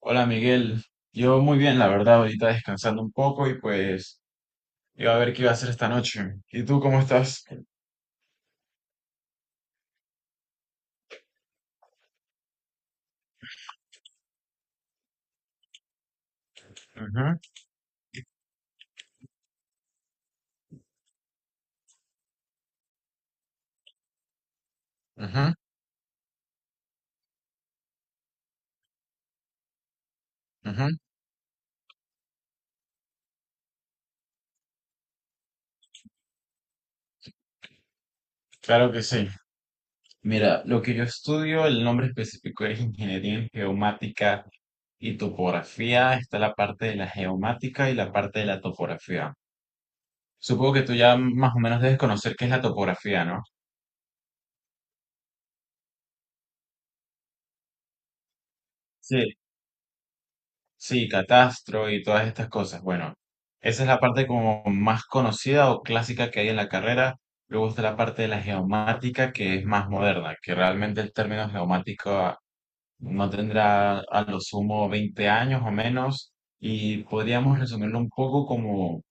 Hola Miguel, yo muy bien, la verdad, ahorita descansando un poco y pues iba a ver qué iba a hacer esta noche. ¿Y tú cómo estás? Ujú, ujú, ujú, claro que sí. Mira, lo que yo estudio, el nombre específico es Ingeniería en Geomática y Topografía. Está la parte de la geomática y la parte de la topografía. Supongo que tú ya más o menos debes conocer qué es la topografía, ¿no? Sí, Catastro y todas estas cosas. Bueno, esa es la parte como más conocida o clásica que hay en la carrera. Luego está la parte de la geomática, que es más moderna, que realmente el término geomática no tendrá a lo sumo 20 años o menos. Y podríamos resumirlo un poco como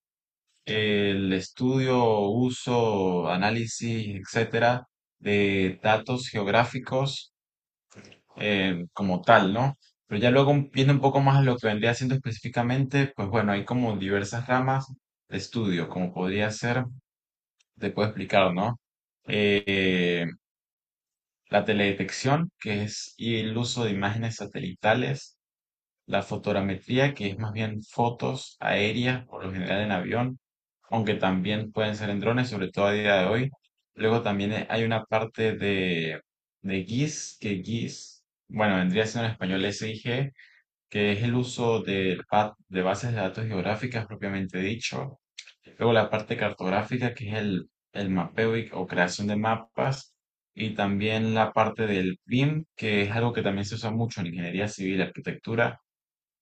el estudio, uso, análisis, etcétera, de datos geográficos como tal, ¿no? Pero ya luego viendo un poco más a lo que vendría haciendo específicamente, pues bueno, hay como diversas ramas de estudio, como podría ser, te puedo explicar, ¿no? Eh, la teledetección, que es el uso de imágenes satelitales, la fotogrametría, que es más bien fotos aéreas, por lo general en avión, aunque también pueden ser en drones, sobre todo a día de hoy. Luego también hay una parte de, GIS, que GIS, bueno, vendría siendo en español SIG, que es el uso de, de bases de datos geográficas propiamente dicho. Luego la parte cartográfica, que es el mapeo o creación de mapas. Y también la parte del BIM, que es algo que también se usa mucho en ingeniería civil, arquitectura,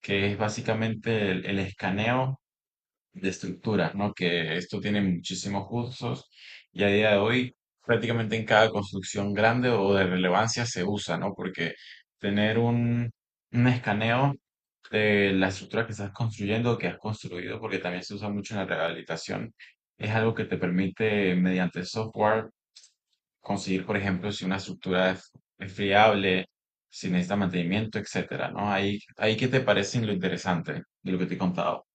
que es básicamente el escaneo de estructuras, ¿no? Que esto tiene muchísimos usos y a día de hoy prácticamente en cada construcción grande o de relevancia se usa, ¿no? Porque tener un escaneo de la estructura que estás construyendo o que has construido, porque también se usa mucho en la rehabilitación, es algo que te permite mediante software conseguir, por ejemplo, si una estructura es fiable, si necesita mantenimiento, etcétera, ¿no? Ahí qué te parece lo interesante de lo que te he contado.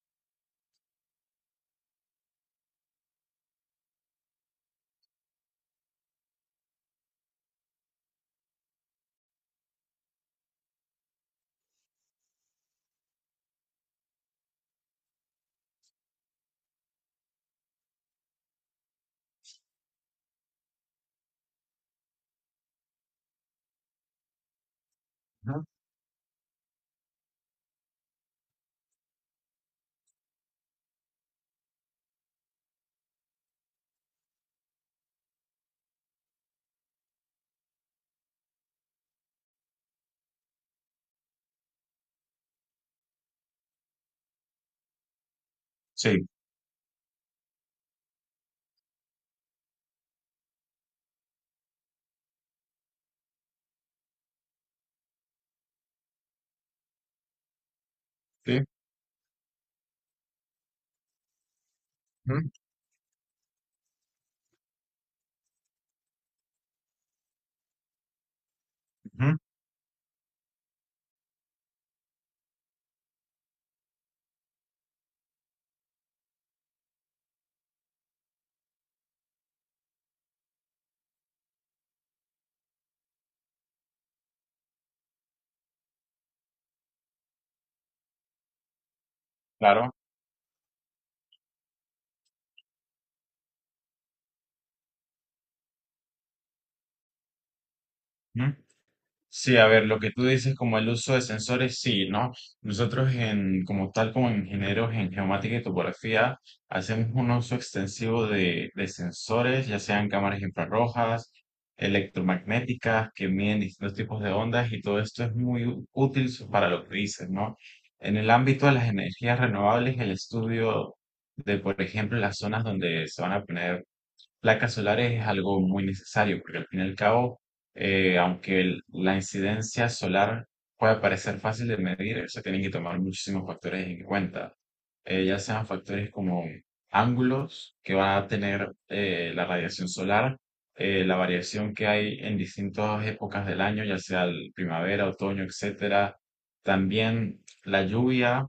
Ujú, sí, sí, ujú, ujú, claro. Sí, a ver, lo que tú dices como el uso de sensores, sí, ¿no? Nosotros como tal, como ingenieros en geomática y topografía, hacemos un uso extensivo de sensores, ya sean cámaras infrarrojas, electromagnéticas, que miden distintos tipos de ondas y todo esto es muy útil para lo que dices, ¿no? En el ámbito de las energías renovables, el estudio de, por ejemplo, las zonas donde se van a poner placas solares es algo muy necesario porque al fin y al cabo, aunque la incidencia solar puede parecer fácil de medir, se tienen que tomar muchísimos factores en cuenta. Ya sean factores como ángulos que va a tener la radiación solar, la variación que hay en distintas épocas del año, ya sea el primavera, otoño, etcétera, también la lluvia,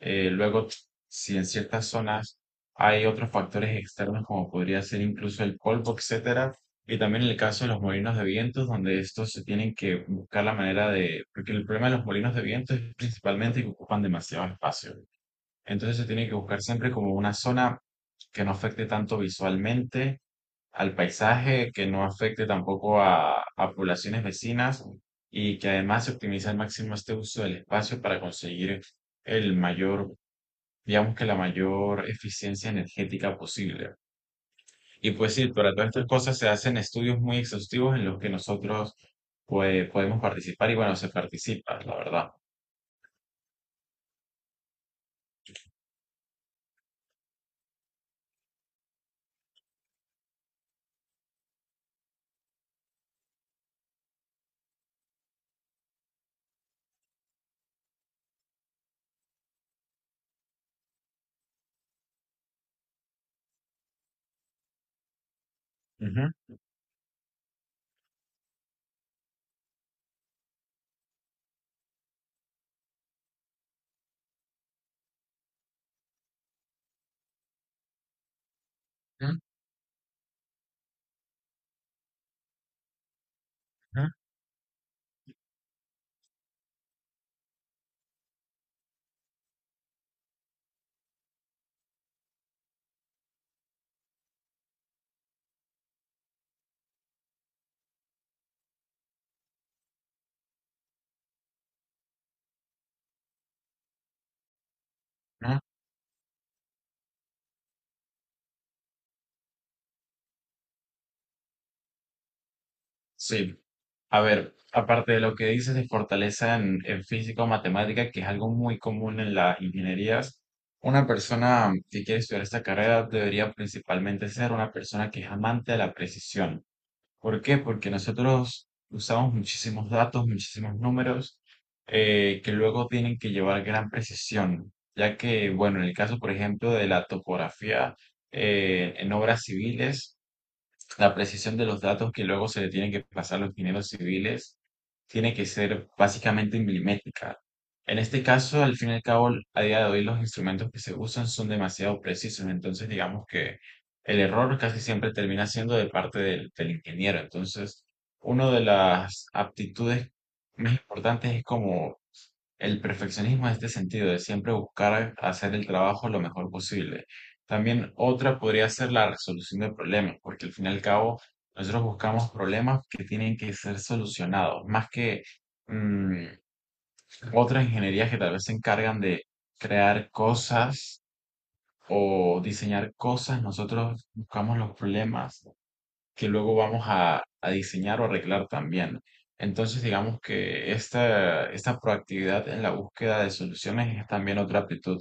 luego, si en ciertas zonas hay otros factores externos como podría ser incluso el polvo, etcétera, y también en el caso de los molinos de vientos, donde estos se tienen que buscar la manera de, porque el problema de los molinos de viento es principalmente que ocupan demasiado espacio. Entonces se tiene que buscar siempre como una zona que no afecte tanto visualmente al paisaje, que no afecte tampoco a poblaciones vecinas y que además se optimice al máximo este uso del espacio para conseguir el mayor, digamos que la mayor eficiencia energética posible. Y pues sí, para todas estas cosas se hacen estudios muy exhaustivos en los que nosotros pues, podemos participar y bueno, se participa, la verdad. Ujú, ujú, ujú, ujú. Sí. A ver, aparte de lo que dices de fortaleza en física o matemática, que es algo muy común en las ingenierías, una persona que quiere estudiar esta carrera debería principalmente ser una persona que es amante de la precisión. ¿Por qué? Porque nosotros usamos muchísimos datos, muchísimos números que luego tienen que llevar gran precisión, ya que, bueno, en el caso, por ejemplo, de la topografía, en obras civiles, la precisión de los datos que luego se le tienen que pasar a los ingenieros civiles tiene que ser básicamente milimétrica. En este caso, al fin y al cabo, a día de hoy los instrumentos que se usan son demasiado precisos, entonces digamos que el error casi siempre termina siendo de parte del ingeniero. Entonces, una de las aptitudes más importantes es como el perfeccionismo en este sentido de siempre buscar hacer el trabajo lo mejor posible. También otra podría ser la resolución de problemas, porque al fin y al cabo nosotros buscamos problemas que tienen que ser solucionados, más que mm, otras ingenierías que tal vez se encargan de crear cosas o diseñar cosas, nosotros buscamos los problemas que luego vamos a diseñar o arreglar también. Entonces, digamos que esta proactividad en la búsqueda de soluciones es también otra aptitud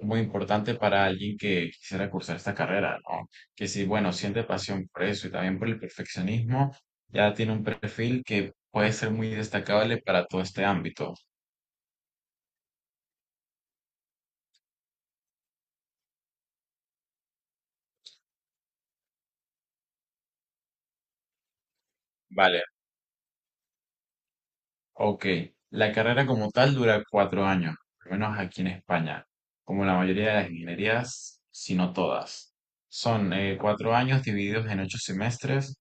muy importante para alguien que quisiera cursar esta carrera, ¿no? Que si, bueno, siente pasión por eso y también por el perfeccionismo, ya tiene un perfil que puede ser muy destacable para todo este ámbito. Vale. Ok, la carrera como tal dura 4 años, al menos aquí en España, como la mayoría de las ingenierías, si no todas. Son 4 años divididos en 8 semestres,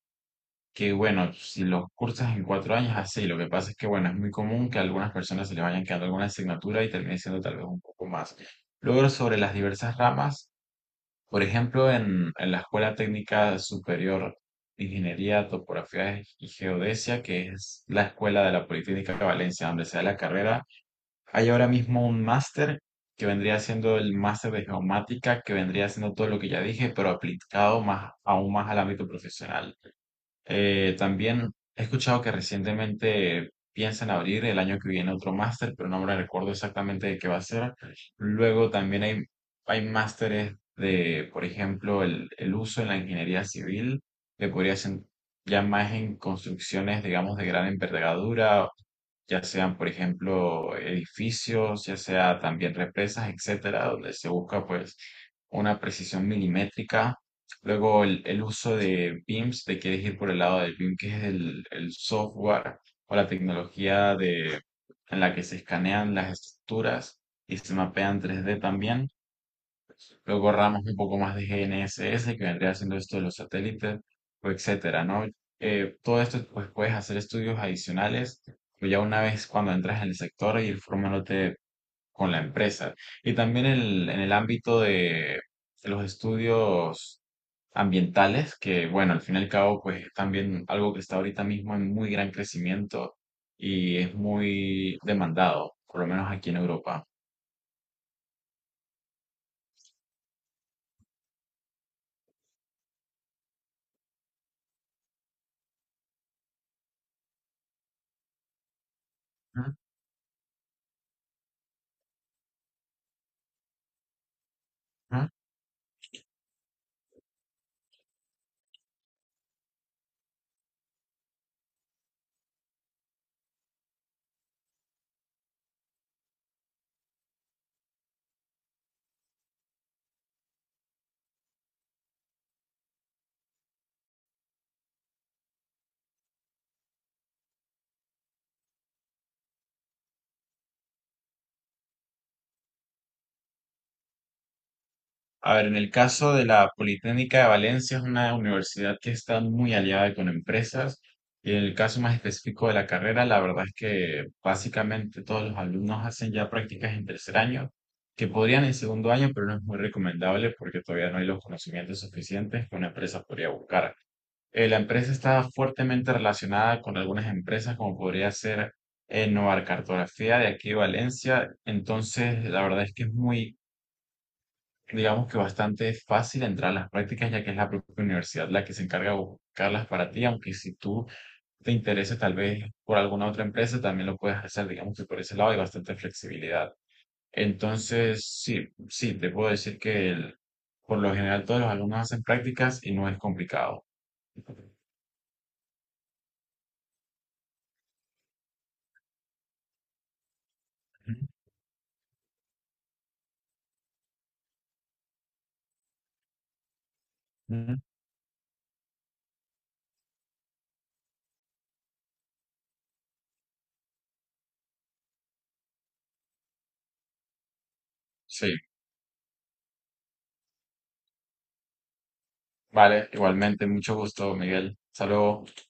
que bueno, si los cursas en 4 años, así. Lo que pasa es que bueno, es muy común que a algunas personas se les vayan quedando alguna asignatura y termine siendo tal vez un poco más. Luego, sobre las diversas ramas, por ejemplo, en la Escuela Técnica Superior de Ingeniería, Topografía y Geodesia, que es la escuela de la Politécnica de Valencia, donde se da la carrera, hay ahora mismo un máster que vendría siendo el máster de geomática, que vendría siendo todo lo que ya dije, pero aplicado más, aún más al ámbito profesional. También he escuchado que recientemente piensan abrir el año que viene otro máster, pero no me recuerdo exactamente de qué va a ser. Luego también hay másteres de, por ejemplo, el uso en la ingeniería civil, que podría ser ya más en construcciones, digamos, de gran envergadura, ya sean, por ejemplo, edificios, ya sea también represas, etcétera, donde se busca pues una precisión milimétrica. Luego el uso de BIMs, te quieres ir por el lado del BIM, que es el software o la tecnología de, en la que se escanean las estructuras y se mapean 3D también. Luego ramas un poco más de GNSS, que vendría siendo esto de los satélites, o etcétera, ¿no? Todo esto, pues puedes hacer estudios adicionales, pues ya una vez cuando entras en el sector, ir formándote con la empresa. Y también en el ámbito de los estudios ambientales, que bueno, al fin y al cabo, pues es también algo que está ahorita mismo en muy gran crecimiento y es muy demandado, por lo menos aquí en Europa. Ujú, ujú. A ver, en el caso de la Politécnica de Valencia es una universidad que está muy aliada con empresas y en el caso más específico de la carrera, la verdad es que básicamente todos los alumnos hacen ya prácticas en tercer año, que podrían en segundo año, pero no es muy recomendable porque todavía no hay los conocimientos suficientes que una empresa podría buscar. La empresa está fuertemente relacionada con algunas empresas como podría ser Novar Cartografía de aquí de Valencia, entonces la verdad es que es muy, digamos que bastante fácil entrar a las prácticas, ya que es la propia universidad la que se encarga de buscarlas para ti, aunque si tú te intereses tal vez por alguna otra empresa, también lo puedes hacer, digamos que por ese lado hay bastante flexibilidad. Entonces, sí, sí, te puedo decir que por lo general todos los alumnos hacen prácticas y no es complicado. Ujú, ujú. Sí, vale, igualmente, mucho gusto, Miguel. Saludos.